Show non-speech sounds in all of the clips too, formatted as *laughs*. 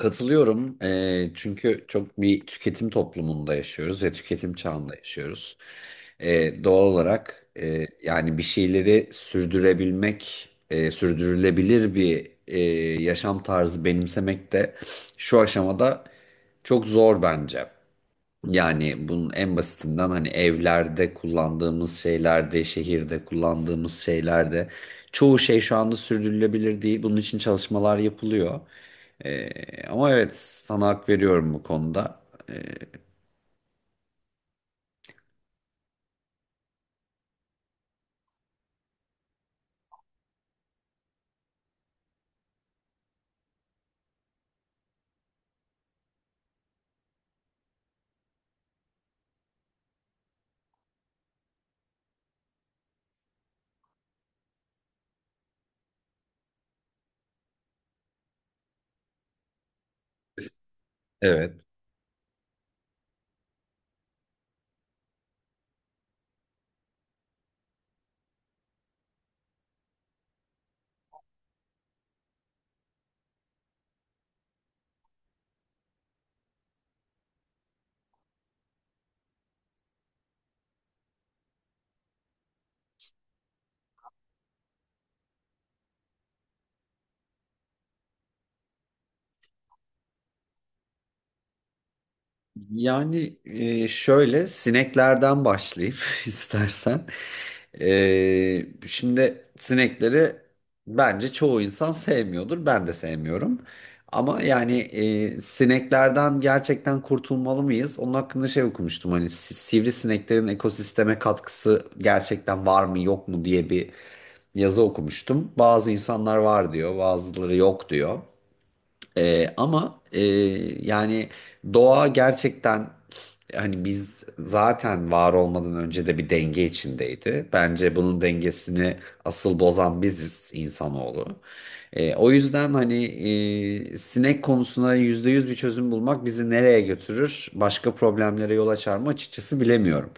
Katılıyorum. Çünkü çok bir tüketim toplumunda yaşıyoruz ve tüketim çağında yaşıyoruz. Doğal olarak yani bir şeyleri sürdürebilmek, sürdürülebilir bir yaşam tarzı benimsemek de şu aşamada çok zor bence. Yani bunun en basitinden, hani, evlerde kullandığımız şeylerde, şehirde kullandığımız şeylerde çoğu şey şu anda sürdürülebilir değil. Bunun için çalışmalar yapılıyor. Ee, Ama evet, sana hak veriyorum bu konuda. Ee, evet. Yani şöyle sineklerden başlayayım *laughs* istersen. Şimdi sinekleri bence çoğu insan sevmiyordur. Ben de sevmiyorum. Ama yani sineklerden gerçekten kurtulmalı mıyız? Onun hakkında şey okumuştum, hani sivrisineklerin ekosisteme katkısı gerçekten var mı yok mu diye bir yazı okumuştum. Bazı insanlar var diyor, bazıları yok diyor. Ama yani doğa gerçekten, hani, biz zaten var olmadan önce de bir denge içindeydi. Bence bunun dengesini asıl bozan biziz, insanoğlu. O yüzden, hani, sinek konusuna %100 bir çözüm bulmak bizi nereye götürür, başka problemlere yol açar mı açıkçası bilemiyorum.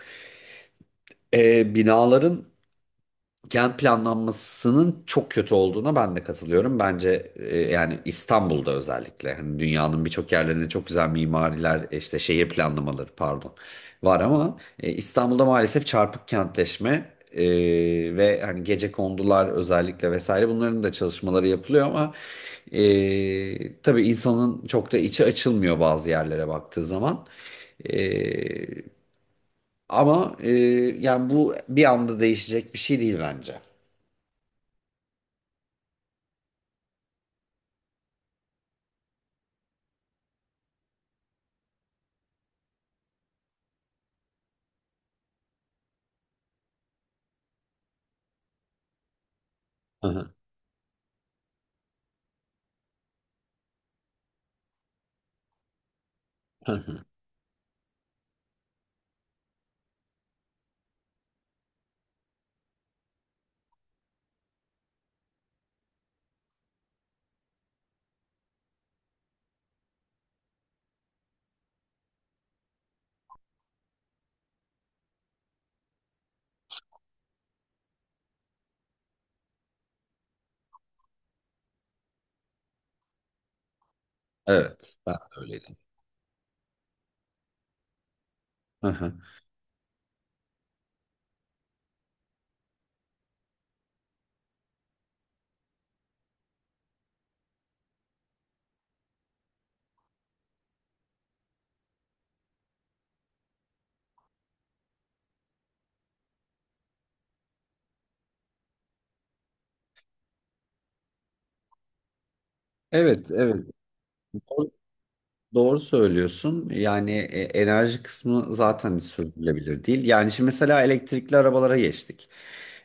Binaların gen planlanmasının çok kötü olduğuna ben de katılıyorum. Bence, yani İstanbul'da özellikle, hani, dünyanın birçok yerlerinde çok güzel mimariler, işte, şehir planlamaları, pardon, var. Ama İstanbul'da maalesef çarpık kentleşme ve hani gecekondular özellikle vesaire, bunların da çalışmaları yapılıyor. Ama tabii insanın çok da içi açılmıyor bazı yerlere baktığı zaman. E, Ama, yani bu bir anda değişecek bir şey değil bence. Hı hı, hı hı. Evet, ben de öyleydim. Hı hı. Evet, evet. Doğru söylüyorsun. Yani enerji kısmı zaten sürdürülebilir değil. Yani şimdi mesela elektrikli arabalara geçtik.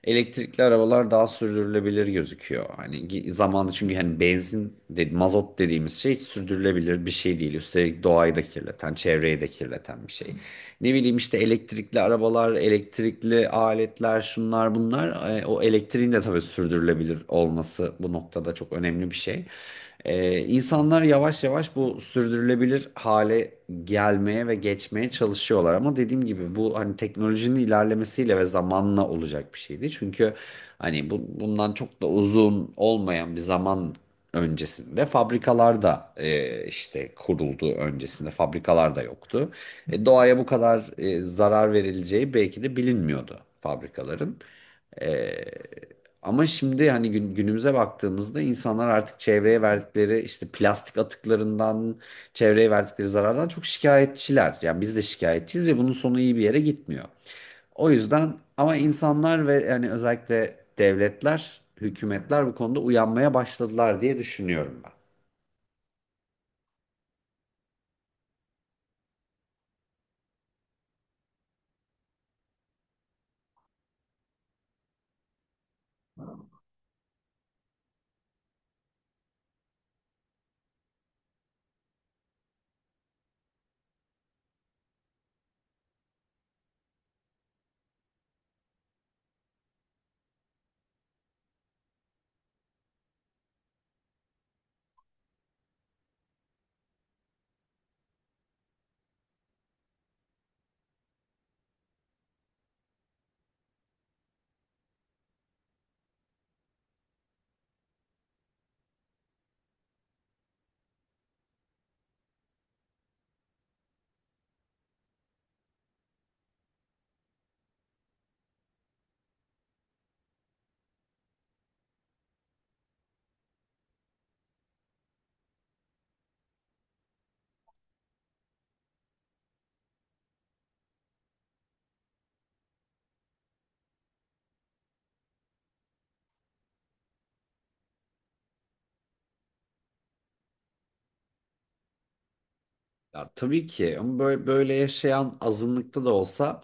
Elektrikli arabalar daha sürdürülebilir gözüküyor. Hani zamanı, çünkü hani benzin, mazot dediğimiz şey hiç sürdürülebilir bir şey değil. Üstelik doğayı da kirleten, çevreyi de kirleten bir şey. Ne bileyim, işte, elektrikli arabalar, elektrikli aletler, şunlar bunlar. O elektriğin de tabii sürdürülebilir olması bu noktada çok önemli bir şey. İnsanlar yavaş yavaş bu sürdürülebilir hale gelmeye ve geçmeye çalışıyorlar, ama dediğim gibi bu, hani, teknolojinin ilerlemesiyle ve zamanla olacak bir şeydi. Çünkü, hani, bundan çok da uzun olmayan bir zaman öncesinde fabrikalar da, işte, kuruldu, öncesinde fabrikalar da yoktu. Doğaya bu kadar zarar verileceği belki de bilinmiyordu fabrikaların. E, Ama şimdi, hani, günümüze baktığımızda insanlar artık çevreye verdikleri, işte, plastik atıklarından, çevreye verdikleri zarardan çok şikayetçiler. Yani biz de şikayetçiyiz ve bunun sonu iyi bir yere gitmiyor. O yüzden ama insanlar ve, yani, özellikle devletler, hükümetler bu konuda uyanmaya başladılar diye düşünüyorum ben. Ya tabii ki, ama böyle yaşayan azınlıkta da olsa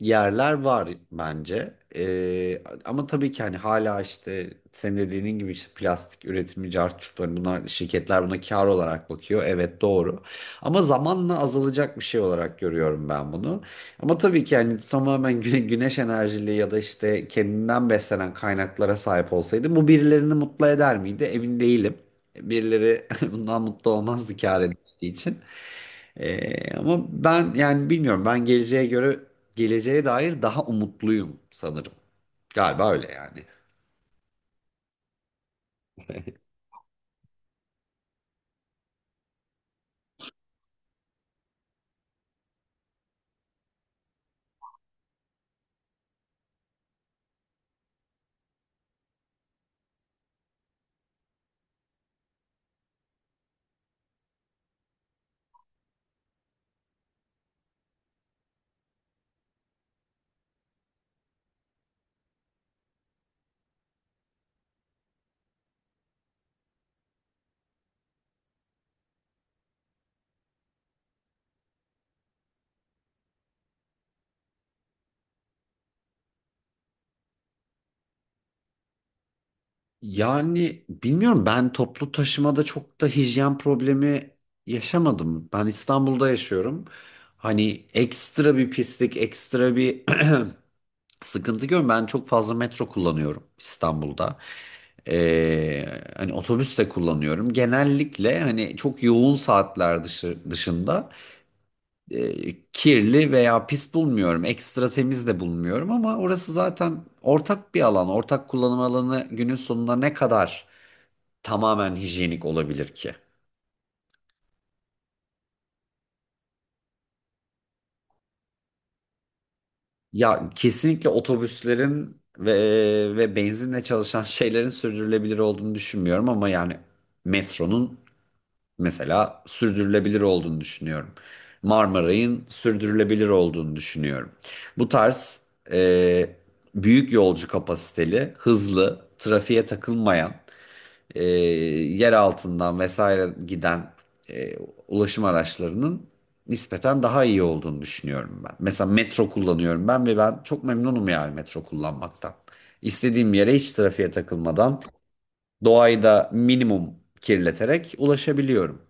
yerler var bence. Ama tabii ki, hani, hala, işte, senin dediğinin gibi işte plastik üretimi, cart çurt, hani bunlar, şirketler buna kar olarak bakıyor. Evet, doğru. Ama zamanla azalacak bir şey olarak görüyorum ben bunu. Ama tabii ki yani tamamen *laughs* güneş enerjili ya da işte kendinden beslenen kaynaklara sahip olsaydı bu birilerini mutlu eder miydi? Emin değilim. Birileri *laughs* bundan mutlu olmazdı, kar için. Ama ben, yani, bilmiyorum, ben geleceğe göre geleceğe dair daha umutluyum sanırım. Galiba öyle, yani. Yani bilmiyorum, ben toplu taşımada çok da hijyen problemi yaşamadım. Ben İstanbul'da yaşıyorum. Hani ekstra bir pislik, ekstra bir *clears throat* sıkıntı görüyorum. Ben çok fazla metro kullanıyorum İstanbul'da. Ee, Hani otobüs de kullanıyorum. Genellikle, hani, çok yoğun saatler dışında kirli veya pis bulmuyorum. Ekstra temiz de bulmuyorum, ama orası zaten ortak bir alan. Ortak kullanım alanı günün sonunda ne kadar tamamen hijyenik olabilir ki? Ya kesinlikle otobüslerin ve benzinle çalışan *laughs* şeylerin sürdürülebilir olduğunu düşünmüyorum, ama yani metronun mesela sürdürülebilir olduğunu düşünüyorum. Marmaray'ın sürdürülebilir olduğunu düşünüyorum. Bu tarz e, büyük yolcu kapasiteli, hızlı, trafiğe takılmayan, yer altından vesaire giden e, ulaşım araçlarının nispeten daha iyi olduğunu düşünüyorum ben. Mesela metro kullanıyorum ben ve ben çok memnunum, yani metro kullanmaktan. İstediğim yere hiç trafiğe takılmadan, doğayı da minimum kirleterek ulaşabiliyorum.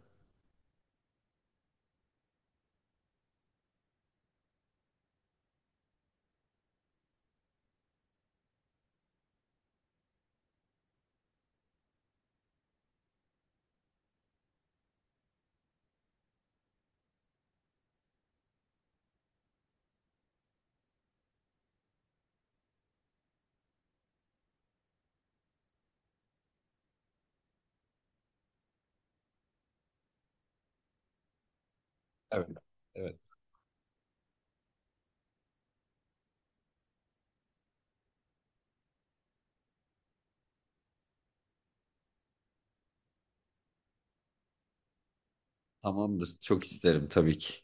Evet. Evet. Tamamdır. Çok isterim tabii ki.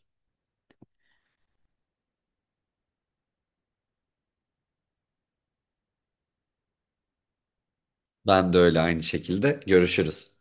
Ben de öyle, aynı şekilde. Görüşürüz.